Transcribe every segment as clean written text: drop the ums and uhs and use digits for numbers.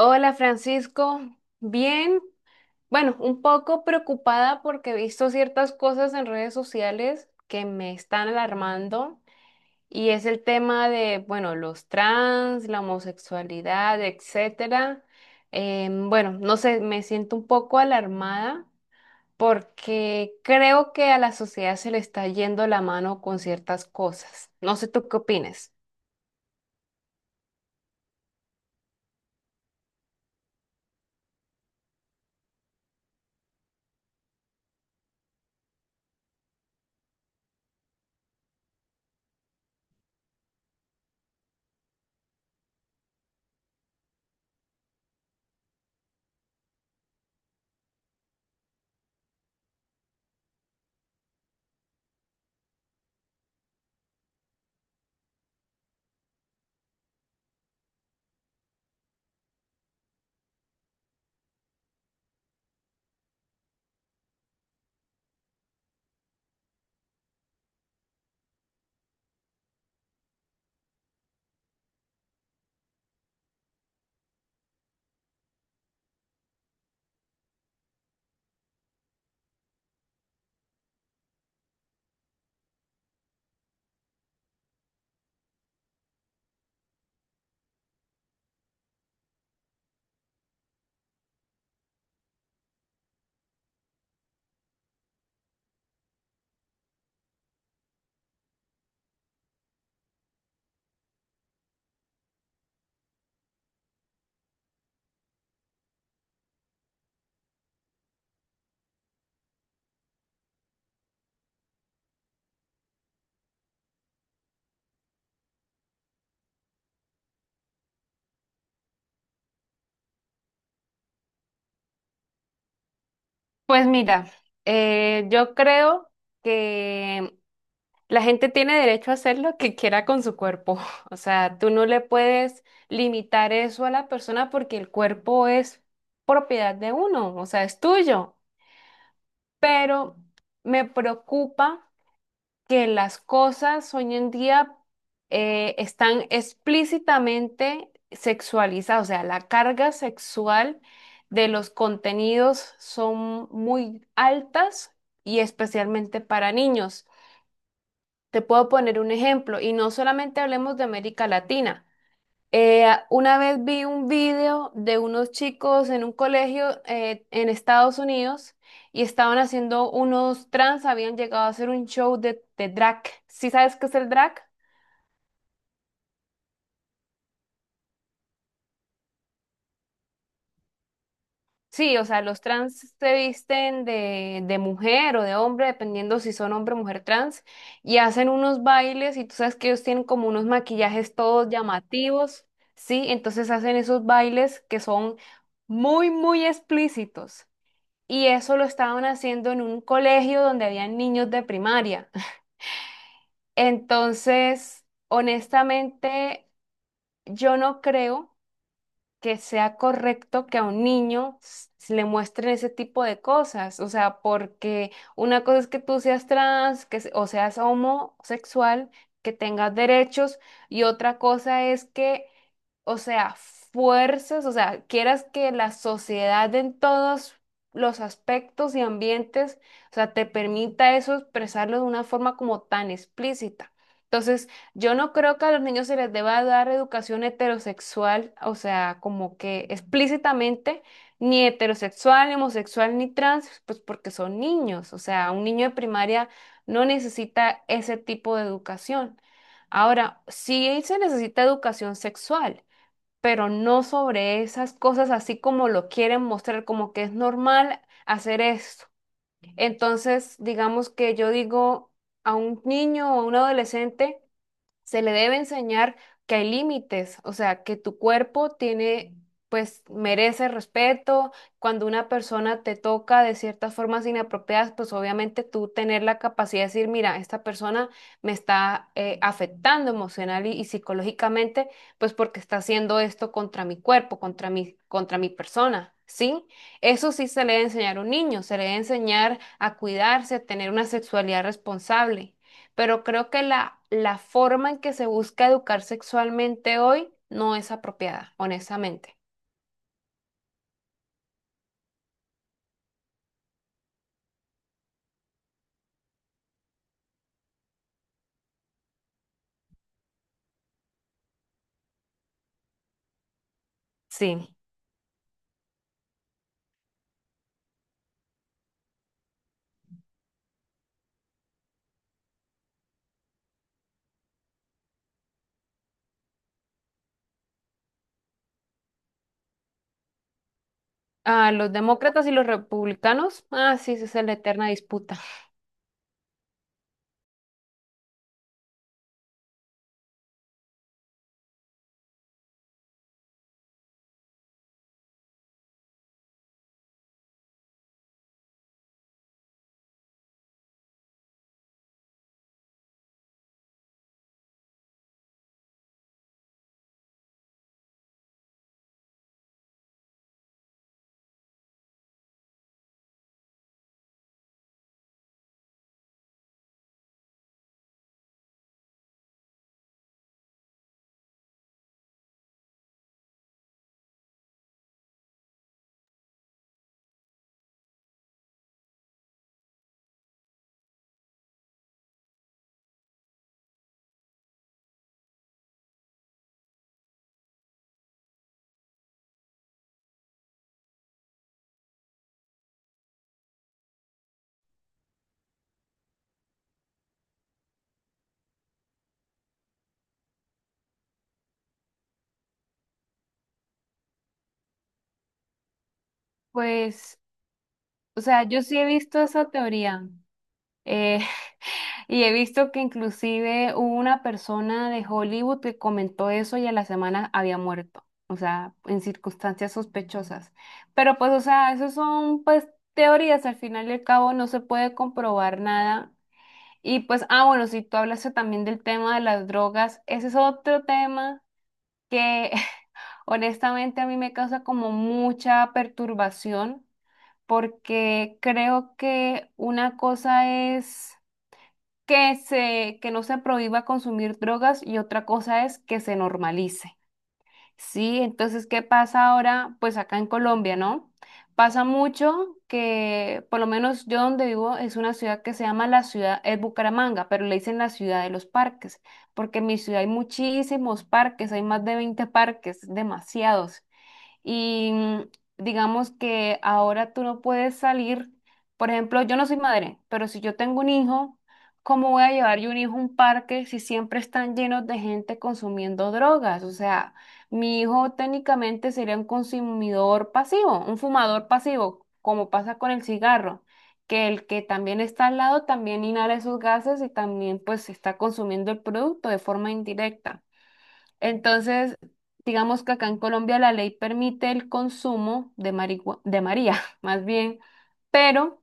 Hola Francisco, bien, bueno, un poco preocupada porque he visto ciertas cosas en redes sociales que me están alarmando y es el tema de, bueno, los trans, la homosexualidad, etcétera. Bueno, no sé, me siento un poco alarmada porque creo que a la sociedad se le está yendo la mano con ciertas cosas. No sé tú qué opinas. Pues mira, yo creo que la gente tiene derecho a hacer lo que quiera con su cuerpo. O sea, tú no le puedes limitar eso a la persona porque el cuerpo es propiedad de uno, o sea, es tuyo. Pero me preocupa que las cosas hoy en día están explícitamente sexualizadas. O sea, la carga sexual de los contenidos son muy altas y especialmente para niños. Te puedo poner un ejemplo y no solamente hablemos de América Latina. Una vez vi un video de unos chicos en un colegio en Estados Unidos y estaban haciendo unos trans, habían llegado a hacer un show de drag. ¿Sí sabes qué es el drag? Sí, o sea, los trans se visten de mujer o de hombre, dependiendo si son hombre o mujer trans, y hacen unos bailes y tú sabes que ellos tienen como unos maquillajes todos llamativos, ¿sí? Entonces hacen esos bailes que son muy, muy explícitos. Y eso lo estaban haciendo en un colegio donde habían niños de primaria. Entonces, honestamente, yo no creo que sea correcto que a un niño se le muestren ese tipo de cosas. O sea, porque una cosa es que tú seas trans, o seas homosexual, que tengas derechos, y otra cosa es que o sea, fuerzas, o sea, quieras que la sociedad en todos los aspectos y ambientes, o sea, te permita eso expresarlo de una forma como tan explícita. Entonces, yo no creo que a los niños se les deba dar educación heterosexual, o sea, como que explícitamente, ni heterosexual, ni homosexual, ni trans, pues porque son niños, o sea, un niño de primaria no necesita ese tipo de educación. Ahora, sí se necesita educación sexual pero no sobre esas cosas así como lo quieren mostrar, como que es normal hacer esto. Entonces, digamos que yo digo a un niño o a un adolescente, se le debe enseñar que hay límites, o sea, que tu cuerpo tiene, pues, merece respeto. Cuando una persona te toca de ciertas formas inapropiadas, pues obviamente tú tener la capacidad de decir, mira, esta persona me está afectando emocional y psicológicamente, pues porque está haciendo esto contra mi cuerpo, contra mi persona. Sí, eso sí se le debe enseñar a un niño, se le debe enseñar a cuidarse, a tener una sexualidad responsable pero creo que la forma en que se busca educar sexualmente hoy no es apropiada, honestamente. Sí. A los demócratas y los republicanos, ah, sí, esa es la eterna disputa. Pues, o sea, yo sí he visto esa teoría. eh, y he visto que inclusive hubo una persona de Hollywood que comentó eso y a la semana había muerto, o sea, en circunstancias sospechosas. Pero pues, o sea, eso son pues teorías, al final y al cabo no se puede comprobar nada. Y pues, ah, bueno, si tú hablaste también del tema de las drogas, ese es otro tema que honestamente a mí me causa como mucha perturbación, porque creo que una cosa es que no se prohíba consumir drogas y otra cosa es que se normalice. Sí, entonces, ¿qué pasa ahora? Pues acá en Colombia, ¿no? Pasa mucho que, por lo menos yo donde vivo, es una ciudad que se llama la ciudad, es Bucaramanga, pero le dicen la ciudad de los parques, porque en mi ciudad hay muchísimos parques, hay más de 20 parques, demasiados, y digamos que ahora tú no puedes salir. Por ejemplo, yo no soy madre, pero si yo tengo un hijo, ¿cómo voy a llevar yo un hijo a un parque si siempre están llenos de gente consumiendo drogas? O sea, mi hijo técnicamente sería un consumidor pasivo, un fumador pasivo, como pasa con el cigarro, que el que también está al lado también inhala esos gases y también pues está consumiendo el producto de forma indirecta. Entonces, digamos que acá en Colombia la ley permite el consumo de María, más bien, pero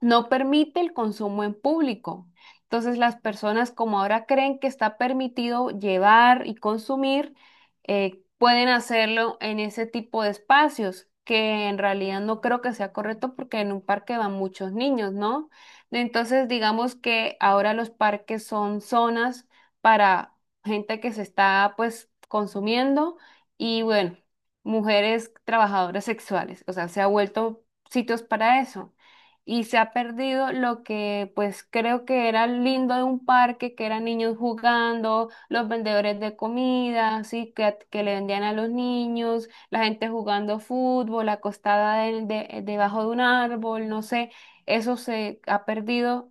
no permite el consumo en público. Entonces las personas como ahora creen que está permitido llevar y consumir, pueden hacerlo en ese tipo de espacios, que en realidad no creo que sea correcto porque en un parque van muchos niños, ¿no? Entonces digamos que ahora los parques son zonas para gente que se está pues consumiendo y bueno, mujeres trabajadoras sexuales, o sea, se ha vuelto sitios para eso y se ha perdido lo que pues creo que era lindo de un parque, que eran niños jugando, los vendedores de comida, así que le vendían a los niños, la gente jugando fútbol, acostada debajo de un árbol, no sé, eso se ha perdido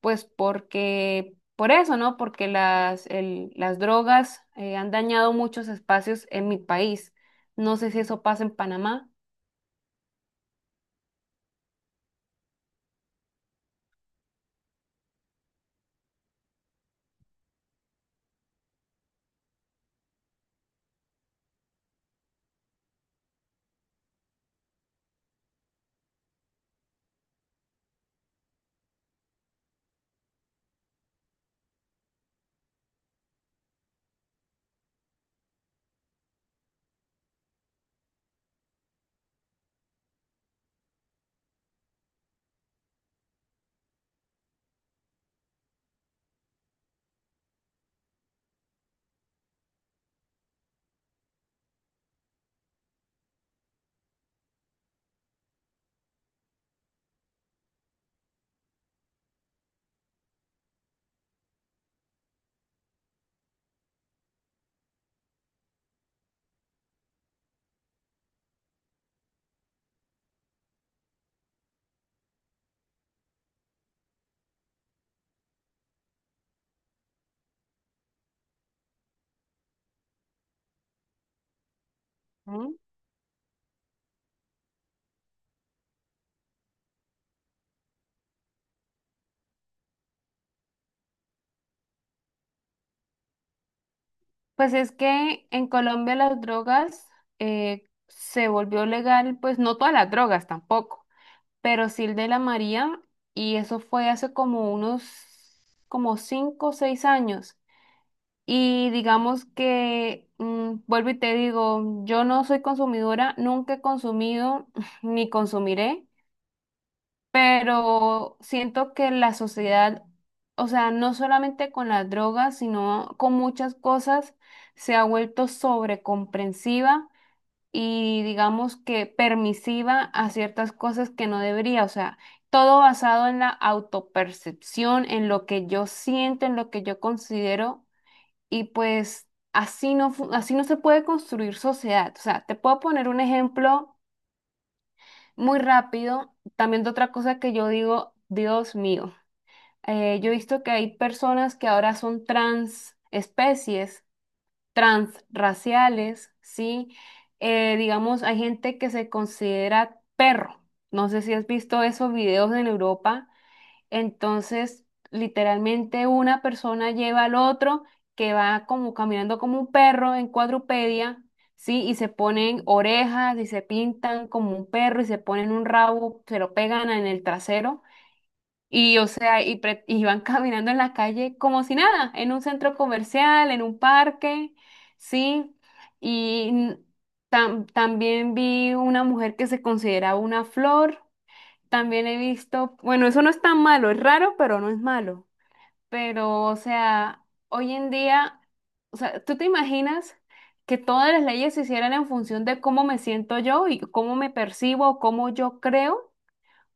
pues porque, por eso, ¿no? Porque las drogas han dañado muchos espacios en mi país. No sé si eso pasa en Panamá. Pues es que en Colombia las drogas se volvió legal, pues no todas las drogas tampoco, pero sí el de la María, y eso fue hace como unos, como 5 o 6 años. Y digamos que, vuelvo y te digo, yo no soy consumidora, nunca he consumido ni consumiré, pero siento que la sociedad, o sea, no solamente con las drogas, sino con muchas cosas, se ha vuelto sobrecomprensiva y digamos que permisiva a ciertas cosas que no debería, o sea, todo basado en la autopercepción, en lo que yo siento, en lo que yo considero y pues así no, así no se puede construir sociedad. O sea, te puedo poner un ejemplo muy rápido. También de otra cosa que yo digo, Dios mío, yo he visto que hay personas que ahora son trans especies, transraciales, ¿sí? Digamos, hay gente que se considera perro. No sé si has visto esos videos en Europa. Entonces, literalmente una persona lleva al otro que va como caminando como un perro en cuadrupedia, ¿sí? Y se ponen orejas y se pintan como un perro y se ponen un rabo, se lo pegan en el trasero. Y, o sea, y van caminando en la calle como si nada, en un centro comercial, en un parque, ¿sí? Y también vi una mujer que se consideraba una flor, también he visto, bueno, eso no es tan malo, es raro, pero no es malo. Pero, o sea, hoy en día, o sea, ¿tú te imaginas que todas las leyes se hicieran en función de cómo me siento yo y cómo me percibo, cómo yo creo?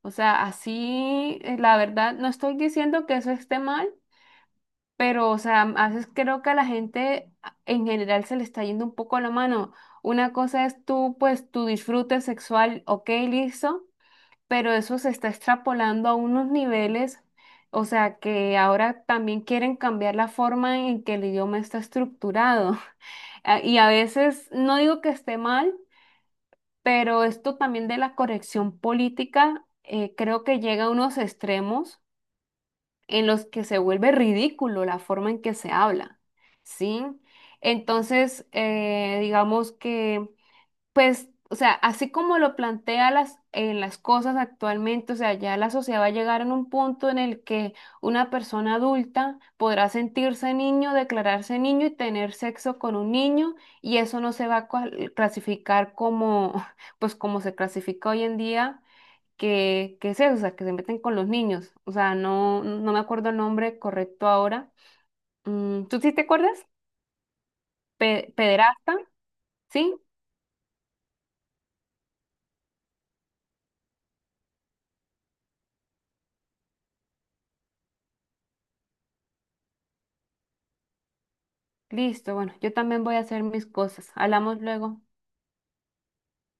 O sea, así, la verdad, no estoy diciendo que eso esté mal, pero, o sea, a veces creo que a la gente en general se le está yendo un poco la mano. Una cosa es tú, pues, tu disfrute sexual, ok, listo, pero eso se está extrapolando a unos niveles, o sea, que ahora también quieren cambiar la forma en que el idioma está estructurado. Ah, y a veces, no digo que esté mal, pero esto también de la corrección política, creo que llega a unos extremos en los que se vuelve ridículo la forma en que se habla, ¿sí? Entonces, digamos que... Pues, o sea, así como lo plantea en las cosas actualmente, o sea, ya la sociedad va a llegar en un punto en el que una persona adulta podrá sentirse niño, declararse niño y tener sexo con un niño, y eso no se va a clasificar como, pues como se clasifica hoy en día, que es eso, o sea, que se meten con los niños. O sea, no, no me acuerdo el nombre correcto ahora. ¿Tú sí te acuerdas? Pederasta, ¿sí? Listo, bueno, yo también voy a hacer mis cosas. Hablamos luego.